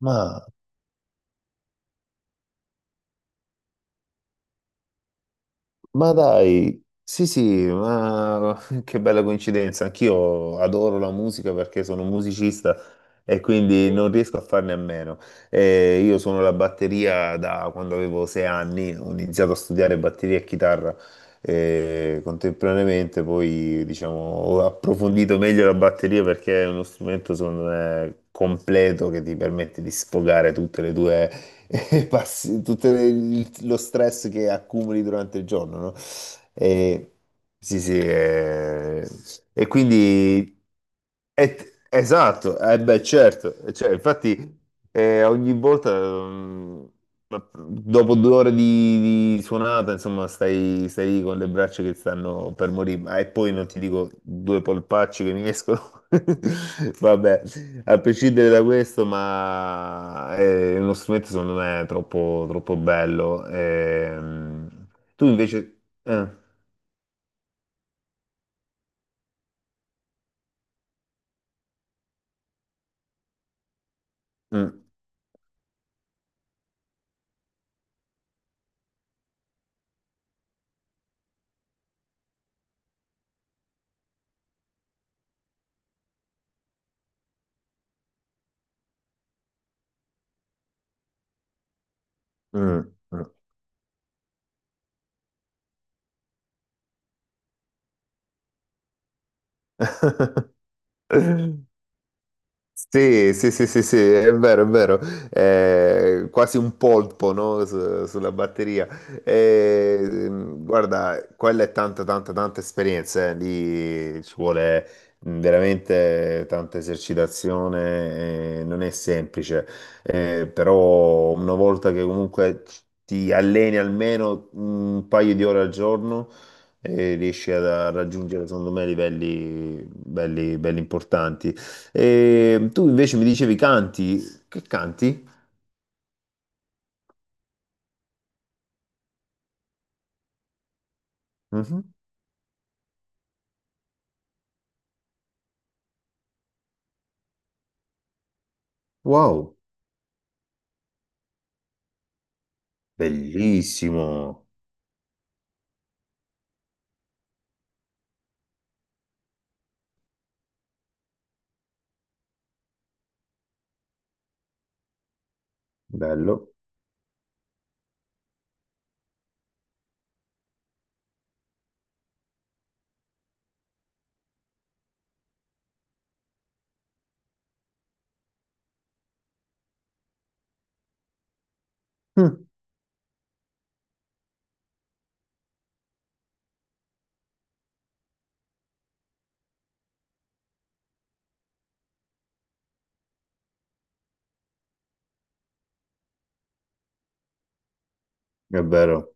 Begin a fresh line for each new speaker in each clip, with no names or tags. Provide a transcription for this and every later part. Ma, ma dai, sì sì, ma che bella coincidenza, anch'io adoro la musica perché sono un musicista e quindi non riesco a farne a meno. Io sono la batteria da quando avevo 6 anni, ho iniziato a studiare batteria e chitarra contemporaneamente, poi diciamo ho approfondito meglio la batteria perché è uno strumento secondo me completo che ti permette di sfogare tutte le tue e passi tutto lo stress che accumuli durante il giorno, no? E, sì, sì, e quindi. Esatto, eh beh, certo, cioè, infatti ogni volta, dopo 2 ore di suonata, insomma, stai lì con le braccia che stanno per morire, ma e poi non ti dico due polpacci che mi escono, vabbè, a prescindere da questo, ma è uno strumento secondo me troppo, troppo bello. Tu invece... mm, mm, mm. Sì, sì, sì, sì, sì, è vero, è vero. Quasi un polpo, no? Sulla batteria. Eh, Guarda, quella è tanta, tanta, tanta esperienza, eh. Lì ci vuole veramente tanta esercitazione, non è semplice. Però una volta che comunque ti alleni almeno un paio di ore al giorno, riesci a raggiungere, secondo me, livelli belli belli importanti. E tu invece mi dicevi canti. Che canti? Mhm. Wow, bellissimo, bello. Mm, è vero.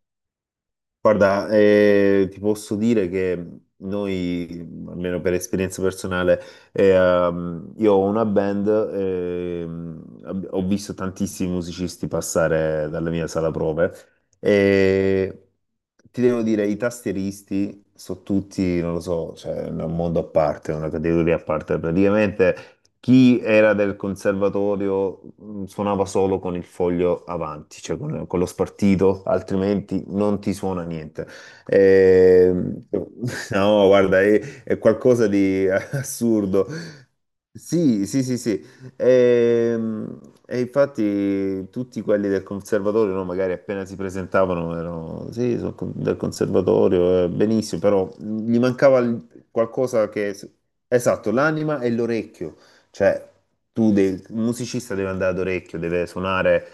Guarda, ti posso dire che noi, almeno per esperienza personale, io ho una band, ho visto tantissimi musicisti passare dalla mia sala prove e ti devo dire, i tastieristi sono tutti, non lo so, cioè, è un mondo a parte, è una categoria a parte praticamente. Chi era del conservatorio suonava solo con il foglio avanti, cioè con lo spartito, altrimenti non ti suona niente. Ehm, no, guarda, è qualcosa di assurdo. Sì, sì, sì, sì. Ehm, E, infatti tutti quelli del conservatorio, no, magari appena si presentavano, erano, sì, sono del conservatorio, benissimo, però gli mancava qualcosa che... Esatto, l'anima e l'orecchio. Cioè, tu un musicista deve andare ad orecchio, deve suonare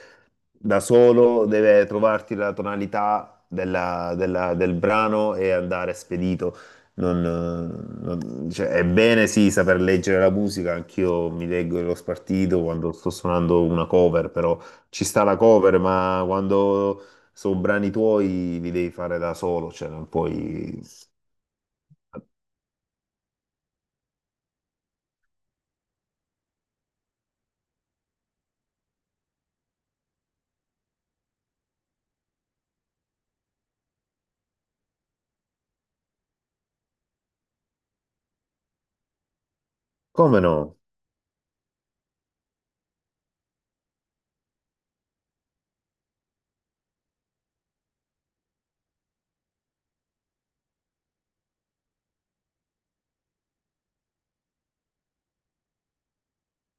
da solo, deve trovarti la tonalità del brano e andare spedito. Non, cioè, è bene sì saper leggere la musica, anch'io mi leggo lo spartito quando sto suonando una cover, però ci sta la cover, ma quando sono brani tuoi li devi fare da solo, cioè non puoi... Come no?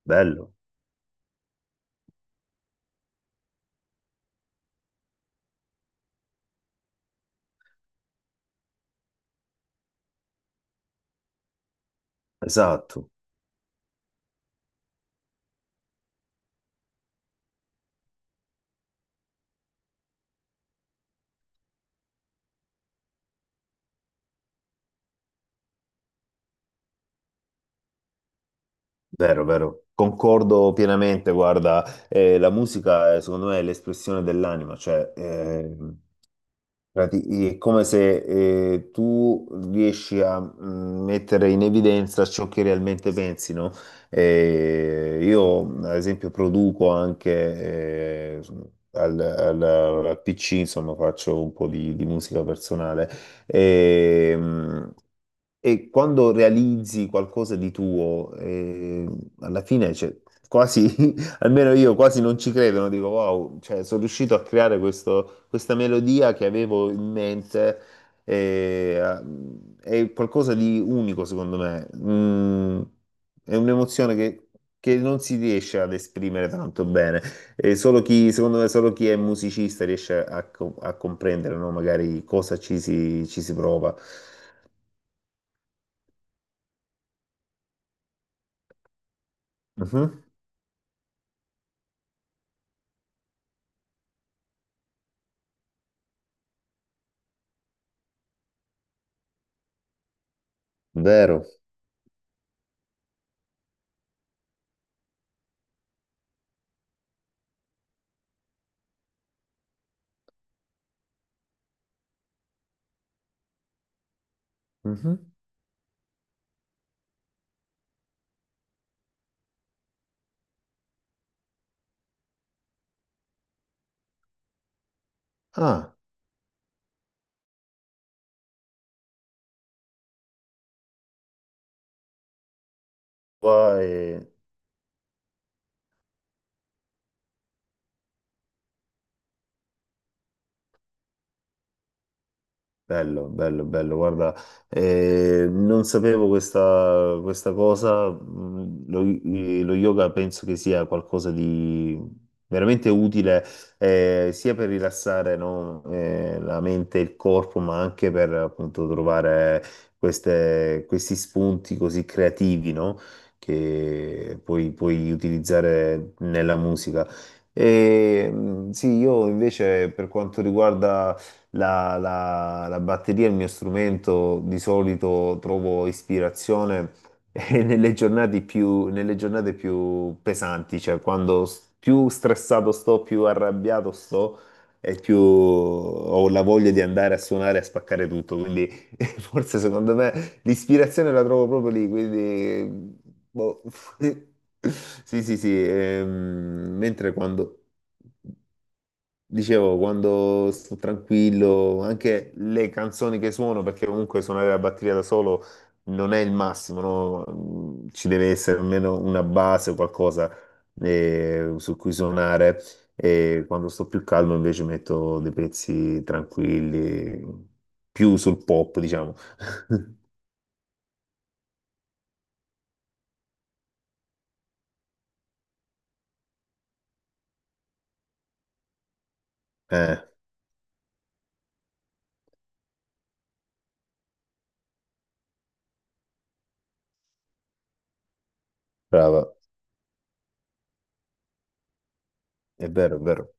Bello, esatto. Vero, vero, concordo pienamente, guarda, la musica secondo me è l'espressione dell'anima, cioè è come se tu riesci a mettere in evidenza ciò che realmente pensi, no? Io ad esempio produco anche al, al- al PC, insomma faccio un po' di musica personale. Ehm, e quando realizzi qualcosa di tuo, alla fine, cioè, quasi, almeno io quasi non ci credo, no? Dico, wow, cioè, sono riuscito a creare questa melodia che avevo in mente, eh, a- è qualcosa di unico, secondo me. È un'emozione che non si riesce ad esprimere tanto bene. E solo chi, secondo me, solo chi è musicista riesce a comprendere, no? Magari cosa ci si prova. Mhm. Vero. Mhm. Ah, poi. Bello, bello, bello, guarda, non sapevo questa, cosa, lo yoga penso che sia qualcosa di veramente utile sia per rilassare no, la mente e il corpo, ma anche per appunto trovare questi spunti così creativi no, che poi puoi utilizzare nella musica. E, sì, io invece per quanto riguarda la batteria è il mio strumento, di solito trovo ispirazione nelle giornate più pesanti, cioè quando più stressato sto, più arrabbiato sto e più ho la voglia di andare a suonare e a spaccare tutto. Quindi forse secondo me l'ispirazione la trovo proprio lì, quindi boh. Sì, sì, sì. Mentre quando Dicevo, quando sto tranquillo, anche le canzoni che suono, perché comunque suonare la batteria da solo non è il massimo, no? Ci deve essere almeno una base o qualcosa su cui suonare. E quando sto più calmo invece metto dei pezzi tranquilli, più sul pop, diciamo. Eh, Brava, è vero, è vero,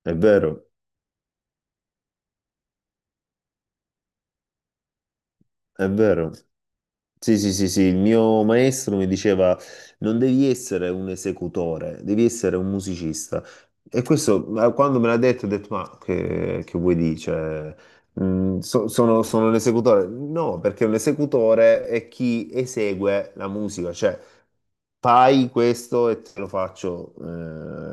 è vero, è vero. Sì, sì, sì, sì, il mio maestro mi diceva non devi essere un esecutore, devi essere un musicista. E questo, ma quando me l'ha detto, ho detto, ma che vuoi dire? Cioè, sono un esecutore? No, perché un esecutore è chi esegue la musica, cioè fai questo e te lo faccio,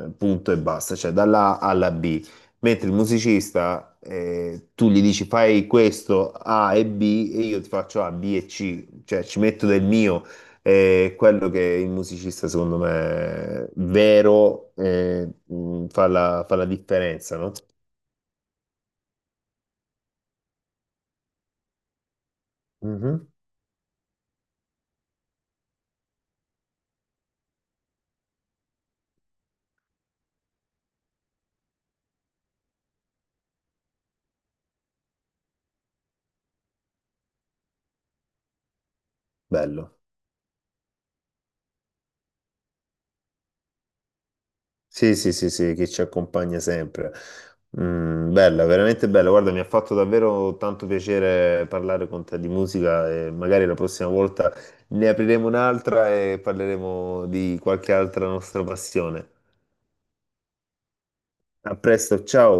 punto e basta, cioè dalla A alla B. Mentre il musicista, tu gli dici fai questo A e B e io ti faccio A, B e C cioè ci metto del mio, è quello che il musicista secondo me vero fa la differenza, no? Mhm. Bello. Sì, sì, sì, sì, che ci accompagna sempre. Bella, veramente bella. Guarda, mi ha fatto davvero tanto piacere parlare con te di musica e magari la prossima volta ne apriremo un'altra e parleremo di qualche altra nostra passione. A presto, ciao.